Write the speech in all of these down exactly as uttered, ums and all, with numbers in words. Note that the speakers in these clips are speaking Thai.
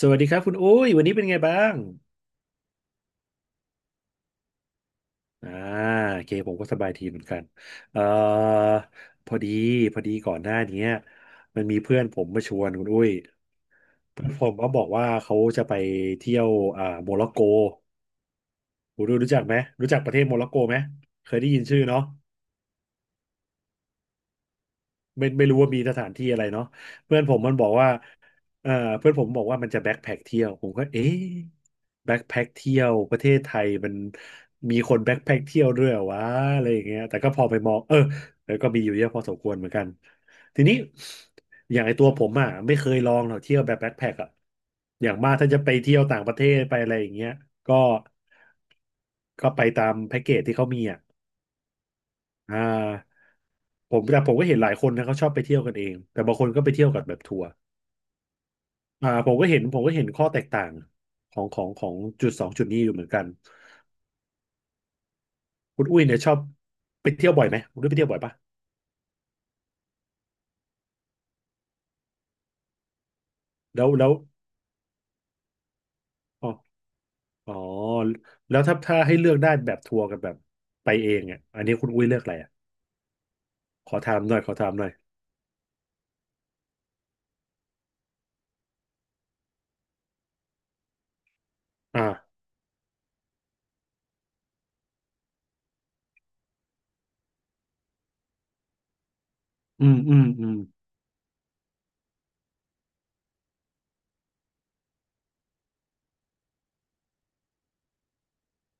สวัสดีครับคุณอุ้ยวันนี้เป็นไงบ้างอ่าโอเคผมก็สบายทีเหมือนกันเอ่อพอดีพอดีก่อนหน้าเนี้ยมันมีเพื่อนผมมาชวนคุณอุ้ยเพื่อนผมก็บอกว่าเขาจะไปเที่ยวอ่าโมร็อกโกคุณอุ้ยรู้จักไหมรู้จักประเทศโมร็อกโกไหมเคยได้ยินชื่อเนาะ ไม่ไม่รู้ว่ามีสถานที่อะไรเนาะเพื่อนผมมันบอกว่าเออเพื่อนผมบอกว่ามันจะแบ็คแพ็คเที่ยวผมก็เอ๊ะแบ็คแพ็คเที่ยวประเทศไทยมันมีคนแบ็คแพ็คเที่ยวด้วยเหรอวะอะไรอย่างเงี้ยแต่ก็พอไปมองเออแล้วก็มีอยู่เยอะพอสมควรเหมือนกันทีนี้อย่างไอตัวผมอ่ะไม่เคยลองหรอกเที่ยวแบบแบ็คแพ็คอ่ะอย่างมากถ้าจะไปเที่ยวต่างประเทศไปอะไรอย่างเงี้ยก็ก็ไปตามแพ็กเกจที่เขามีอ่ะอ่า ผมแต่ผมก็เห็นหลายคนนะเขาชอบไปเที่ยวกันเองแต่บางคนก็ไปเที่ยวกับแบบทัวร์อ่าผมก็เห็นผมก็เห็นข้อแตกต่างของของของจุดสองจุดนี้อยู่เหมือนกันคุณอุ้ยเนี่ยชอบไปเที่ยวบ่อยไหมคุณอุ้ยไปเที่ยวบ่อยปะแล้วแล้วอ๋ออ๋อแล้วถ้าถ้าให้เลือกได้แบบทัวร์กับแบบไปเองอ่ะอันนี้คุณอุ้ยเลือกอะไรอ่ะขอถามหน่อยขอถามหน่อยอ่าอืมอืมอืม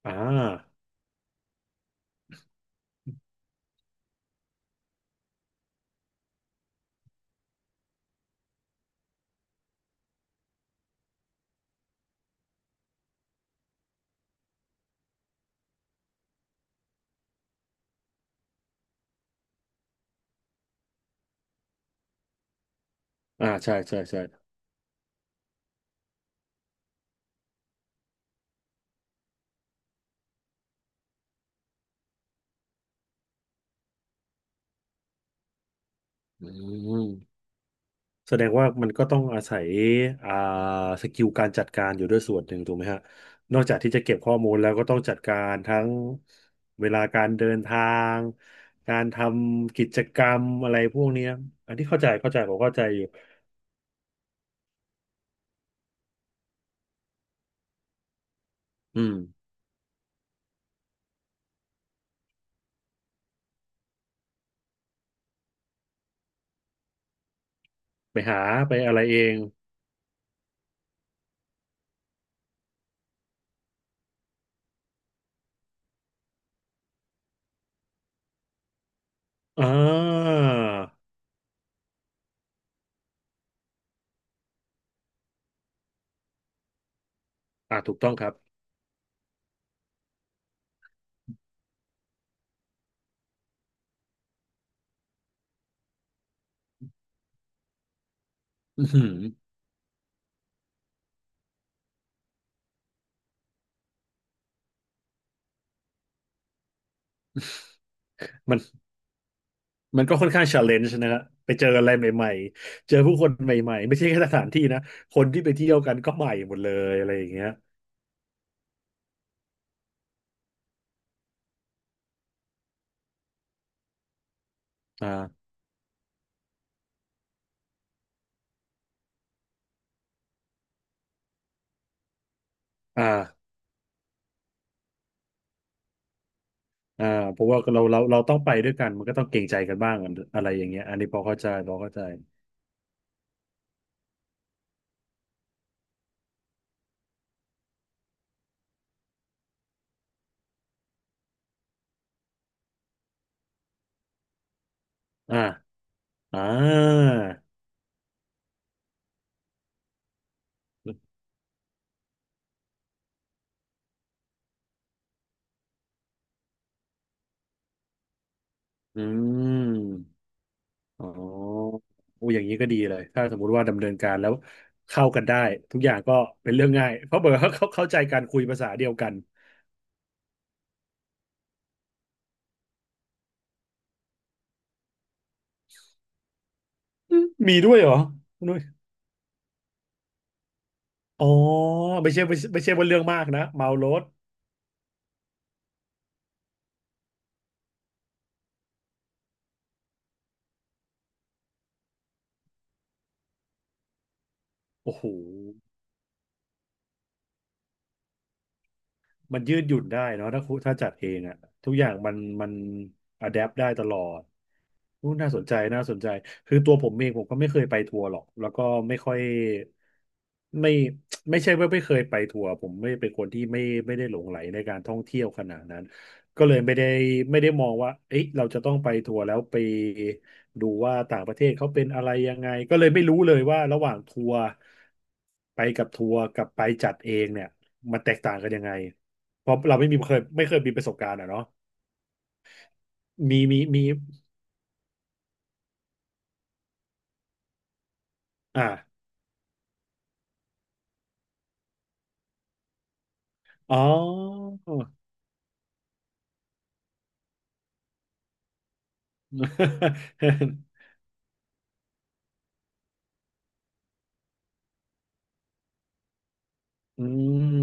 อ่าอ่าใช่ใช่ใช่อืม แสดงว่ามันก็ต้องอาศัยอ่าสกิลการจัดการอยู่ด้วยส่วนหนึ่งถูกไหมฮะนอกจากที่จะเก็บข้อมูลแล้วก็ต้องจัดการทั้งเวลาการเดินทางการทำกิจกรรมอะไรพวกเนี้ยอันที่เข้าใจเข้าใจผมเข้าใจอยู่อืมไปหาไปอะไรเองอ่าอ่าถูกต้องครับ อือหือมันมันก็ค่อนข้างชาเลนจ์นะฮะไปเจออะไรใหม่ๆเจอผู้คนใหม่ๆไม่ใช่แค่สถานที่นะคนที่ไปเที่ยวกันก็ใหม่หมดเลยอะไรอย่างเงี้ยอ่า อ่าอ่าเพราะว่าเราเราเราต้องไปด้วยกันมันก็ต้องเกรงใจกันบ้างอะไรอย่างเงี้ยอันนี้พอเข้าใจพอเข้าใจอ่าอ่าอืมอ๋อโอ้อย่างนี้ก็ดีเลยถ้าสมมุติว่าดำเนินการแล้วเข้ากันได้ทุกอย่างก็เป็นเรื่องง่ายเพราะเบอร์เขา เขาเข้าใจกันคุยภาษาเดียวกันอืมมีด้วยเหรอนุ้ยอ๋อไม่ใช่ไม่ใช่ไม่ใช่ว่าเรื่องมากนะเมารถโอ้โห มันยืดหยุ่นได้เนาะถ้าคุถ้าจัดเองอะทุกอย่างมันมันอะแดปได้ตลอดอู้น่าสนใจน่าสนใจคือตัวผมเองผมก็ไม่เคยไปทัวร์หรอกแล้วก็ไม่ค่อยไม่ไม่ใช่ว่าไม่เคยไปทัวร์ผมไม่เป็นคนที่ไม่ไม่ได้หลงไหลในการท่องเที่ยวขนาดนั้นก็เลยไม่ได้ไม่ได้มองว่าเอ๊ะเราจะต้องไปทัวร์แล้วไปดูว่าต่างประเทศเขาเป็นอะไรยังไงก็เลยไม่รู้เลยว่าระหว่างทัวร์ไปกับทัวร์กับไปจัดเองเนี่ยมันแตกต่างกันยังไง เพราะเราไม่มีเคยไม่เคยมีประสบการณ์อ่ะเนาะมีมีมีอ่าอ๋อ อืม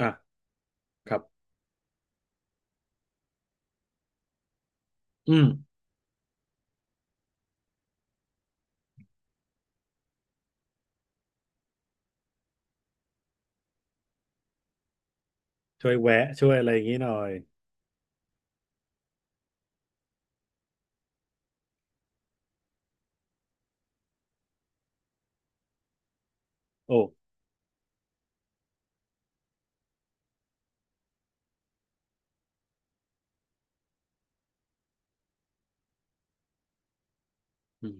อ่ะครับอืมช่วยแวะช่วยอะไรอย่างนี้หน่อยโอ้อืม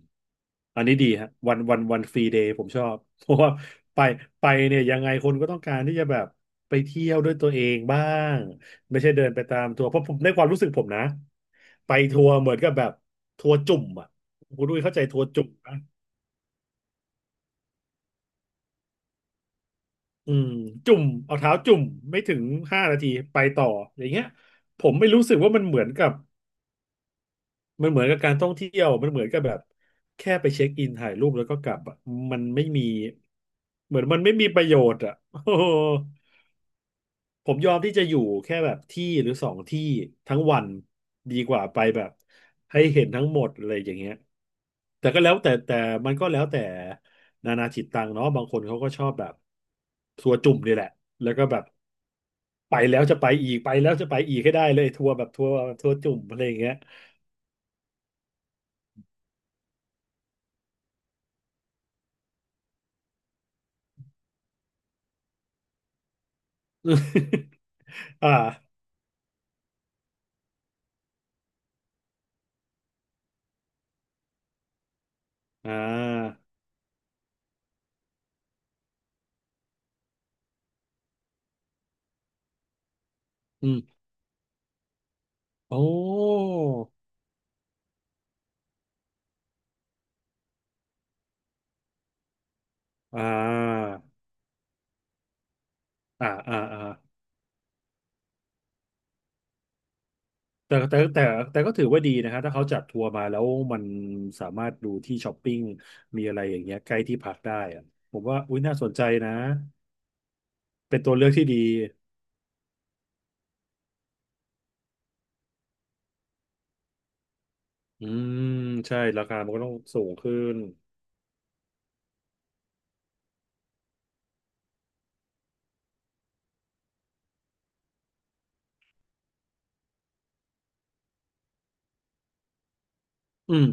อันนี้ดีฮะวันวันวันฟรีเดย์ผมชอบ เพราะว่าไปไปเนี่ยยังไงคนก็ต้องการที่จะแบบไปเที่ยวด้วยตัวเองบ้างไม่ใช่เดินไปตามทัวร์เพราะผมในความรู้สึกผมนะไปทัวร์เหมือนกับแบบทัวร์จุ่มอ่ะคุณดุ้ยเข้าใจทัวร์จุ่มไหม อืมจุ่มเอาเท้าจุ่มไม่ถึงห้านาทีไปต่ออย่างเงี้ยผมไม่รู้สึกว่ามันเหมือนกับมันเหมือนกับการท่องเที่ยวมันเหมือนกับแบบแค่ไปเช็คอินถ่ายรูปแล้วก็กลับอะมันไม่มีเหมือนมันไม่มีประโยชน์อ่ะ โอ้โห ผมยอมที่จะอยู่แค่แบบที่หรือสองที่ทั้งวันดีกว่าไปแบบให้เห็นทั้งหมดอะไรอย่างเงี้ยแต่ก็แล้วแต่แต่มันก็แล้วแต่นานาจิตตังเนาะบางคนเขาก็ชอบแบบทัวร์จุ่มนี่แหละแล้วก็แบบไปแล้วจะไปอีกไปแล้วจะไปอีกให้ได้เลยทัวร์แบบทัวร์ทัวร์จุ่มอะไรอย่างเงี้ย อ่าอ่าอืมโอ้อ่าอ่าอ่าอ่า แต่แต่แต่แต่ก็ถือว่าดีนะครับถ้าเขาจัดทัวร์มาแล้วมันสามารถดูที่ช้อปปิ้งมีอะไรอย่างเงี้ยใกล้ที่พักได้อะผมว่าอุ้ยน่าสนใจนะเป็นตัวเลือกที่ดีอืมใช่ราคามันก็ต้องสูงขึ้นอืม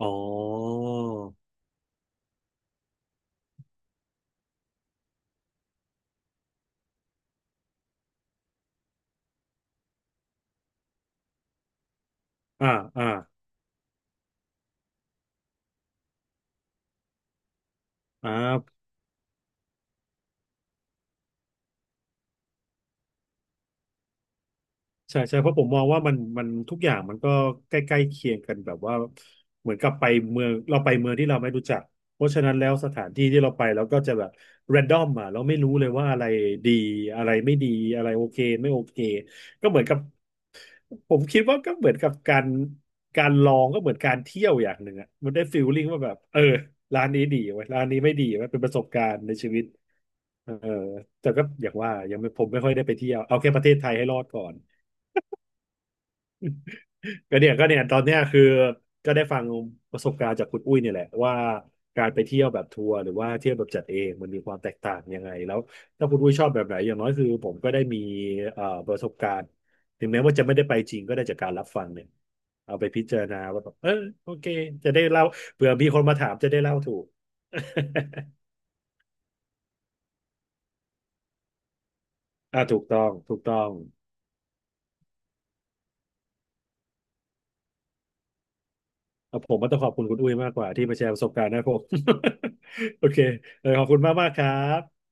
อ๋ออ่าอ่าอ่า ใช่ใช่เพราะผมมองว่ามันมันทุกอย่างมันก็ใกล้ๆเคียงกันแบบว่าเหมือนกับไปเมืองเราไปเมืองที่เราไม่รู้จักเพราะฉะนั้นแล้วสถานที่ที่เราไปเราก็จะแบบแรนดอมอ่ะเราไม่รู้เลยว่าอะไรดีอะไรไม่ดีอะไรโอเคไม่โอเคก็เหมือนกับผมคิดว่าก็เหมือนกับการการลองก็เหมือนการเที่ยวอย่างหนึ่งอ่ะมันได้ฟีลลิ่งว่าแบบเออร้านนี้ดีไว้ยร้านนี้ไม่ดีไว้ยเป็นประสบการณ์ในชีวิตเออแต่ก็อย่างว่ายังไม่ผมไม่ค่อยได้ไปเที่ยวเอาแค่ประเทศไทยให้รอดก่อน ก็เนี่ยก็เนี่ยตอนเนี้ยคือก็ได้ฟังประสบการณ์จากคุณอุ้ยเนี่ยแหละว่าการไปเที่ยวแบบทัวร์หรือว่าเที่ยวแบบจัดเองมันมีความแตกต่างยังไงแล้วถ้าคุณอุ้ยชอบแบบไหนอย่างน้อยคือผมก็ได้มีเอ่อประสบการณ์ถึงแม้ว่าจะไม่ได้ไปจริงก็ได้จากการรับฟังเนี่ยเอาไปพิจารณาว่าแบบเออโอเคจะได้เล่าเผื่อมีคนมาถามจะได้เล่าถูก อ่าถูกต้องถูกต้องเอ่อผมก็ต้องขอบคุณคุณอุ้ยมากกว่าที่มาแชร์ประสบการณ์ให้ผม โอเคเออขอบคุณมากมากครับ